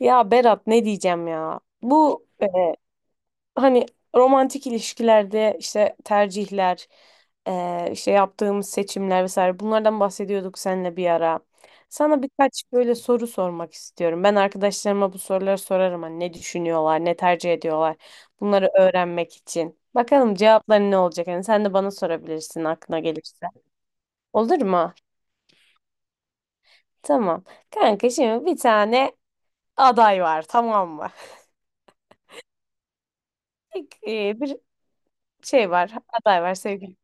Ya Berat ne diyeceğim ya? Bu hani romantik ilişkilerde işte tercihler, işte yaptığımız seçimler vesaire bunlardan bahsediyorduk seninle bir ara. Sana birkaç böyle soru sormak istiyorum. Ben arkadaşlarıma bu soruları sorarım hani ne düşünüyorlar, ne tercih ediyorlar. Bunları öğrenmek için. Bakalım cevapların ne olacak? Hani sen de bana sorabilirsin aklına gelirse. Olur mu? Tamam. Kanka şimdi bir tane aday var tamam mı? İlk, bir şey var, aday var sevgili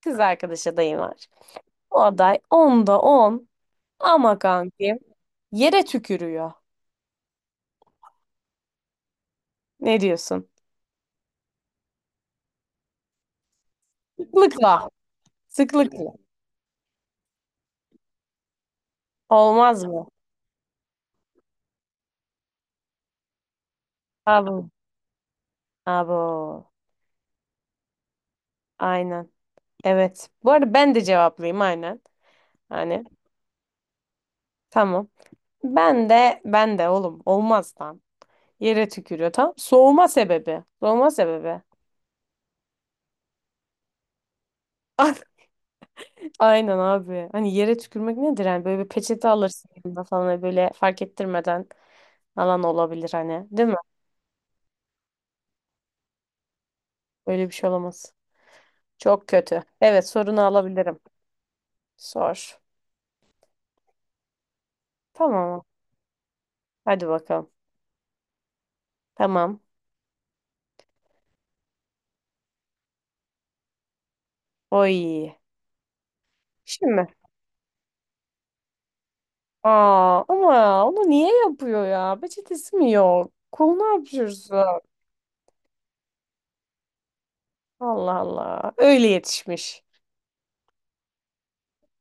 kız arkadaş adayım var. Bu aday 10'da 10 ama kanki yere tükürüyor. Ne diyorsun? Sıklıkla. Sıklıkla. Olmaz mı? Abo. Abo. Aynen. Evet. Bu arada ben de cevaplayayım aynen. Hani tamam. Ben de oğlum olmaz lan. Yere tükürüyor tamam. Soğuma sebebi. Soğuma sebebi. Aynen abi. Hani yere tükürmek nedir? Yani böyle bir peçete alırsın yanında falan hani böyle fark ettirmeden. Alan olabilir hani. Değil mi? Öyle bir şey olamaz. Çok kötü. Evet sorunu alabilirim. Sor. Tamam. Hadi bakalım. Tamam. O iyi. Şimdi. Aa, ama onu niye yapıyor ya? Peçetesi mi yok? Kol ne yapıyorsun? Allah Allah. Öyle yetişmiş.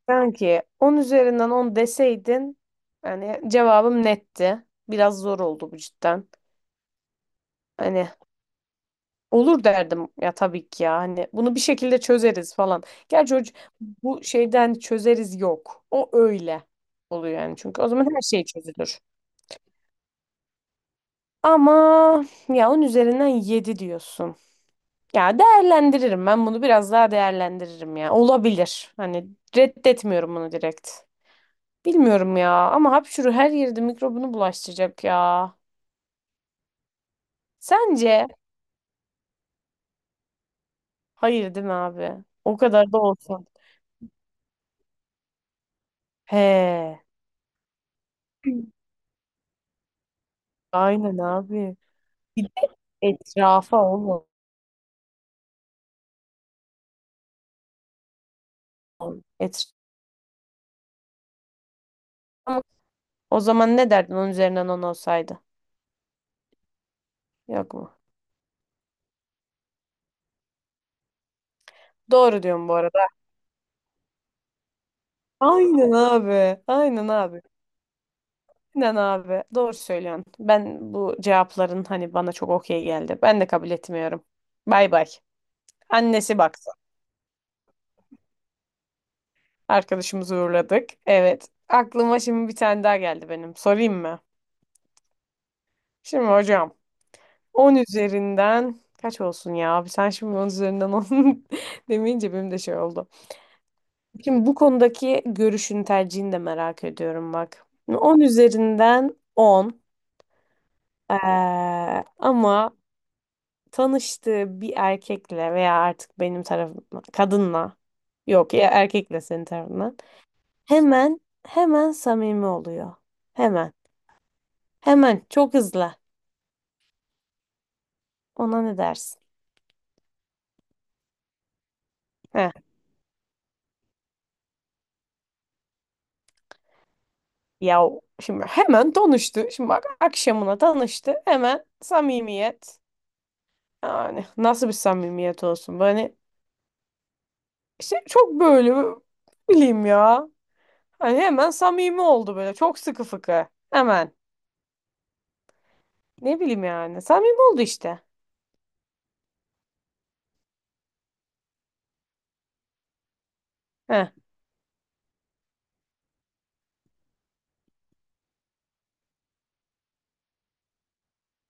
Sanki 10 üzerinden 10 deseydin hani cevabım netti. Biraz zor oldu bu cidden. Hani olur derdim ya tabii ki ya hani bunu bir şekilde çözeriz falan. Gerçi o, bu şeyden çözeriz yok. O öyle oluyor yani çünkü o zaman her şey çözülür. Ama ya onun üzerinden 7 diyorsun. Ya değerlendiririm ben bunu biraz daha değerlendiririm ya. Olabilir. Hani reddetmiyorum bunu direkt. Bilmiyorum ya ama hapşuru her yerde mikrobunu bulaştıracak ya. Sence? Hayır değil mi abi? O kadar da olsun. He. Aynen abi. Etrafa oğlum. Etrafa. O zaman ne derdin onun üzerinden on olsaydı? Yok mu? Doğru diyorum bu arada. Aynen abi. Aynen abi. Aynen abi. Doğru söylüyorsun. Ben bu cevapların hani bana çok okey geldi. Ben de kabul etmiyorum. Bay bay. Annesi baksın. Arkadaşımızı uğurladık. Evet. Aklıma şimdi bir tane daha geldi benim. Sorayım mı? Şimdi hocam on üzerinden kaç olsun ya? Abi sen şimdi 10 üzerinden 10 demeyince benim de şey oldu. Şimdi bu konudaki görüşün, tercihini de merak ediyorum bak. 10 üzerinden on. Ee, ama tanıştığı bir erkekle veya artık benim tarafımdan kadınla yok ya erkekle senin tarafından hemen hemen samimi oluyor. Hemen. Hemen çok hızlı. Ona ne dersin? Heh. Ya o- şimdi hemen tanıştı. Şimdi bak akşamına tanıştı. Hemen samimiyet. Yani nasıl bir samimiyet olsun? Böyle İşte çok böyle ne bileyim ya. Hani hemen samimi oldu böyle. Çok sıkı fıkı. Hemen. Ne bileyim yani. Samimi oldu işte. Heh.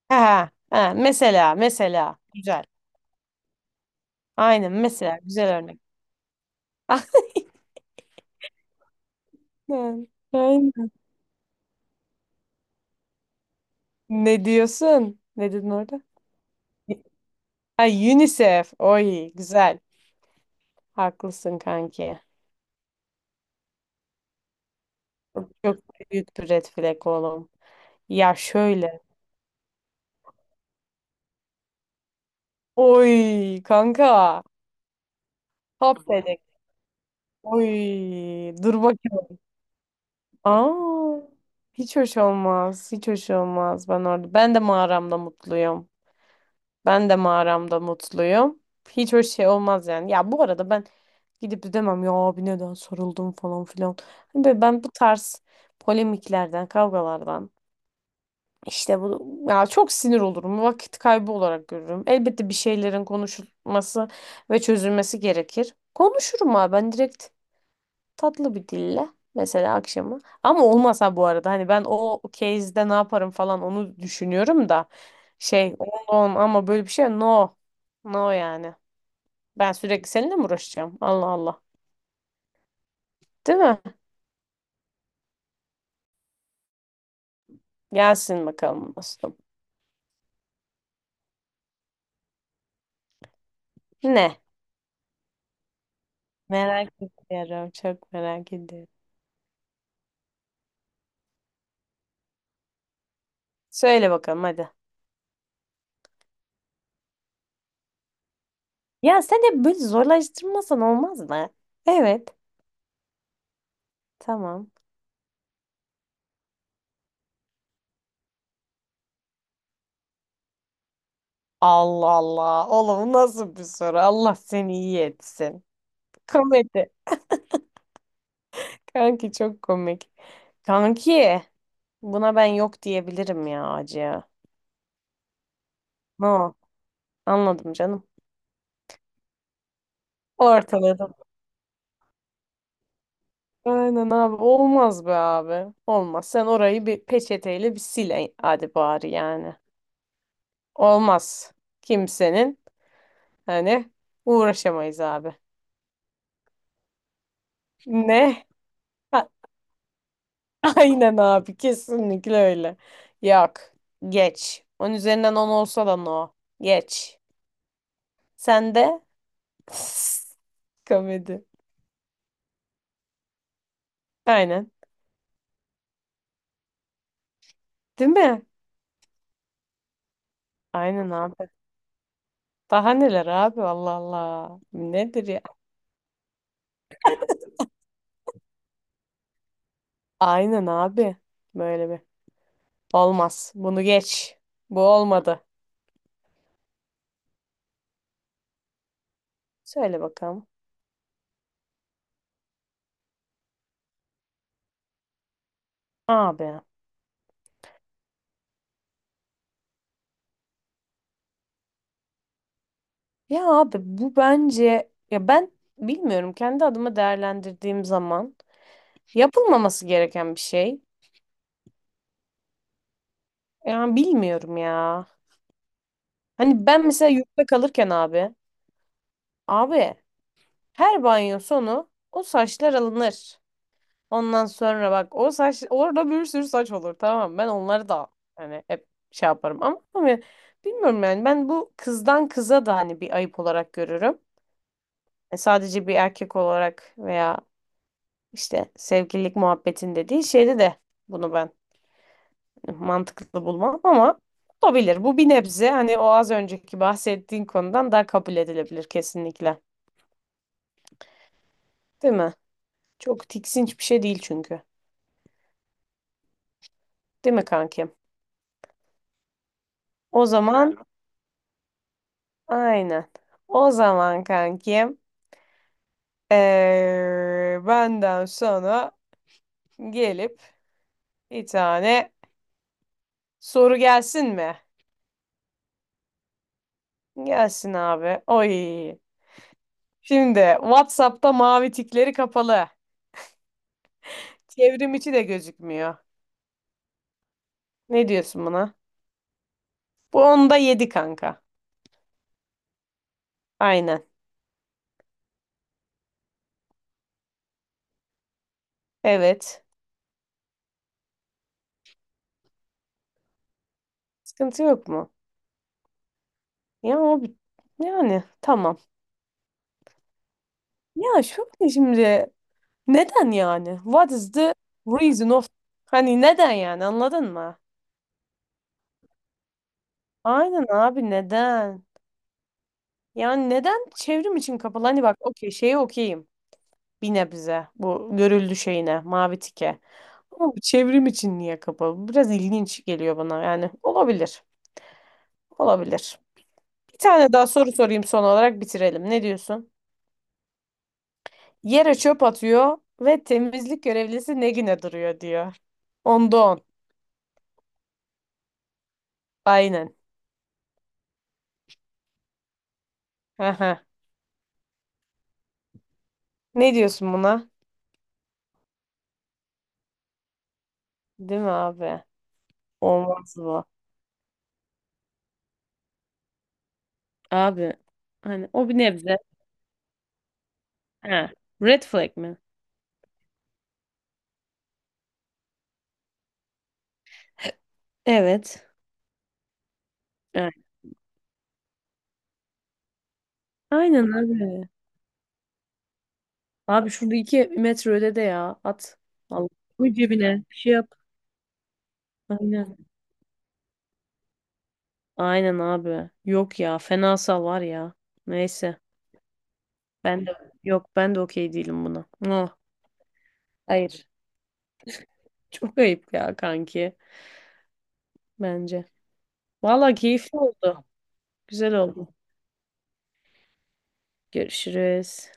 Ha. Ha. Mesela. Mesela. Güzel. Aynen. Mesela. Güzel örnek. Aynen. Aynen. Ne diyorsun? Ne dedin orada? Ha, UNICEF. Oy. Güzel. Haklısın kanki. Çok, çok büyük bir red flag oğlum. Ya şöyle. Oy kanka. Hop dedik. Oy. Dur bakayım. Aa, hiç hoş olmaz. Hiç hoş olmaz ben orada. Ben de mağaramda mutluyum. Ben de mağaramda mutluyum. Hiç hoş şey olmaz yani. Ya bu arada ben gidip de demem ya abi neden soruldum falan filan. Hani böyle ben bu tarz polemiklerden, kavgalardan işte bu ya çok sinir olurum. Vakit kaybı olarak görürüm. Elbette bir şeylerin konuşulması ve çözülmesi gerekir. Konuşurum abi ben direkt tatlı bir dille mesela akşamı. Ama olmasa bu arada hani ben o case'de ne yaparım falan onu düşünüyorum da şey on on ama böyle bir şey no. No yani. Ben sürekli seninle mi uğraşacağım? Allah Allah. Değil mi? Gelsin bakalım dostum. Ne? Merak ediyorum. Çok merak ediyorum. Söyle bakalım hadi. Ya sen hep böyle zorlaştırmasan olmaz mı? Evet. Tamam. Allah Allah. Oğlum bu nasıl bir soru? Allah seni iyi etsin. Komedi. Kanki çok komik. Kanki buna ben yok diyebilirim ya acıya. No anladım canım. Ortaladım. Aynen abi olmaz be abi. Olmaz. Sen orayı bir peçeteyle bir sil hadi bari yani. Olmaz. Kimsenin hani uğraşamayız abi. Ne? Ha, aynen abi kesinlikle öyle. Yok. Geç. On üzerinden 10 olsa da no. Geç. Sen de komedi. Aynen. Değil mi? Aynen abi. Daha neler abi Allah Allah. Nedir ya? Aynen abi. Böyle bir. Olmaz. Bunu geç. Bu olmadı. Söyle bakalım. Abi. Ya abi bu bence ya ben bilmiyorum kendi adıma değerlendirdiğim zaman yapılmaması gereken bir şey. Yani bilmiyorum ya. Hani ben mesela yurtta kalırken abi abi her banyo sonu o saçlar alınır. Ondan sonra bak o saç orada bir sürü saç olur tamam mı? Ben onları da hani hep şey yaparım ama bilmiyorum yani ben bu kızdan kıza da hani bir ayıp olarak görürüm. Sadece bir erkek olarak veya işte sevgililik muhabbetinde değil şeyde de bunu ben mantıklı bulmam ama olabilir. Bu bir nebze hani o az önceki bahsettiğin konudan daha kabul edilebilir kesinlikle. Değil mi? Çok tiksinç bir şey değil çünkü. Değil mi kankim? O zaman aynen. O zaman kankim benden sonra gelip bir tane soru gelsin mi? Gelsin abi. Oy. Şimdi WhatsApp'ta mavi tikleri kapalı. Çevrim içi de gözükmüyor. Ne diyorsun buna? Bu onda yedi kanka. Aynen. Evet. Sıkıntı yok mu? Ya o bir- yani tamam. Ya şu ne şimdi neden yani? What is the reason of Hani neden yani anladın mı? Aynen abi neden? Yani neden çevrim için kapalı? Hani bak okey şeye okeyim. Bir nebze bu görüldü şeyine mavi tike. Ama bu çevrim için niye kapalı? Bu biraz ilginç geliyor bana yani. Olabilir. Olabilir. Bir tane daha soru sorayım son olarak bitirelim. Ne diyorsun? Yere çöp atıyor ve temizlik görevlisi ne güne duruyor diyor. Onda on. Aynen. Aha. Ne diyorsun buna? Değil mi abi? Olmaz bu. Abi hani o bir nebze. He. Red flag mi? Evet. Evet. Aynen abi. Abi şurada 2 metre ötede ya. At. Allah. Koy cebine. Bir şey yap. Aynen. Aynen abi. Yok ya. Fenasal var ya. Neyse. Ben de yok ben de okey değilim buna. Ah, hayır. Çok ayıp ya kanki. Bence. Valla keyifli oldu. Güzel oldu. Görüşürüz.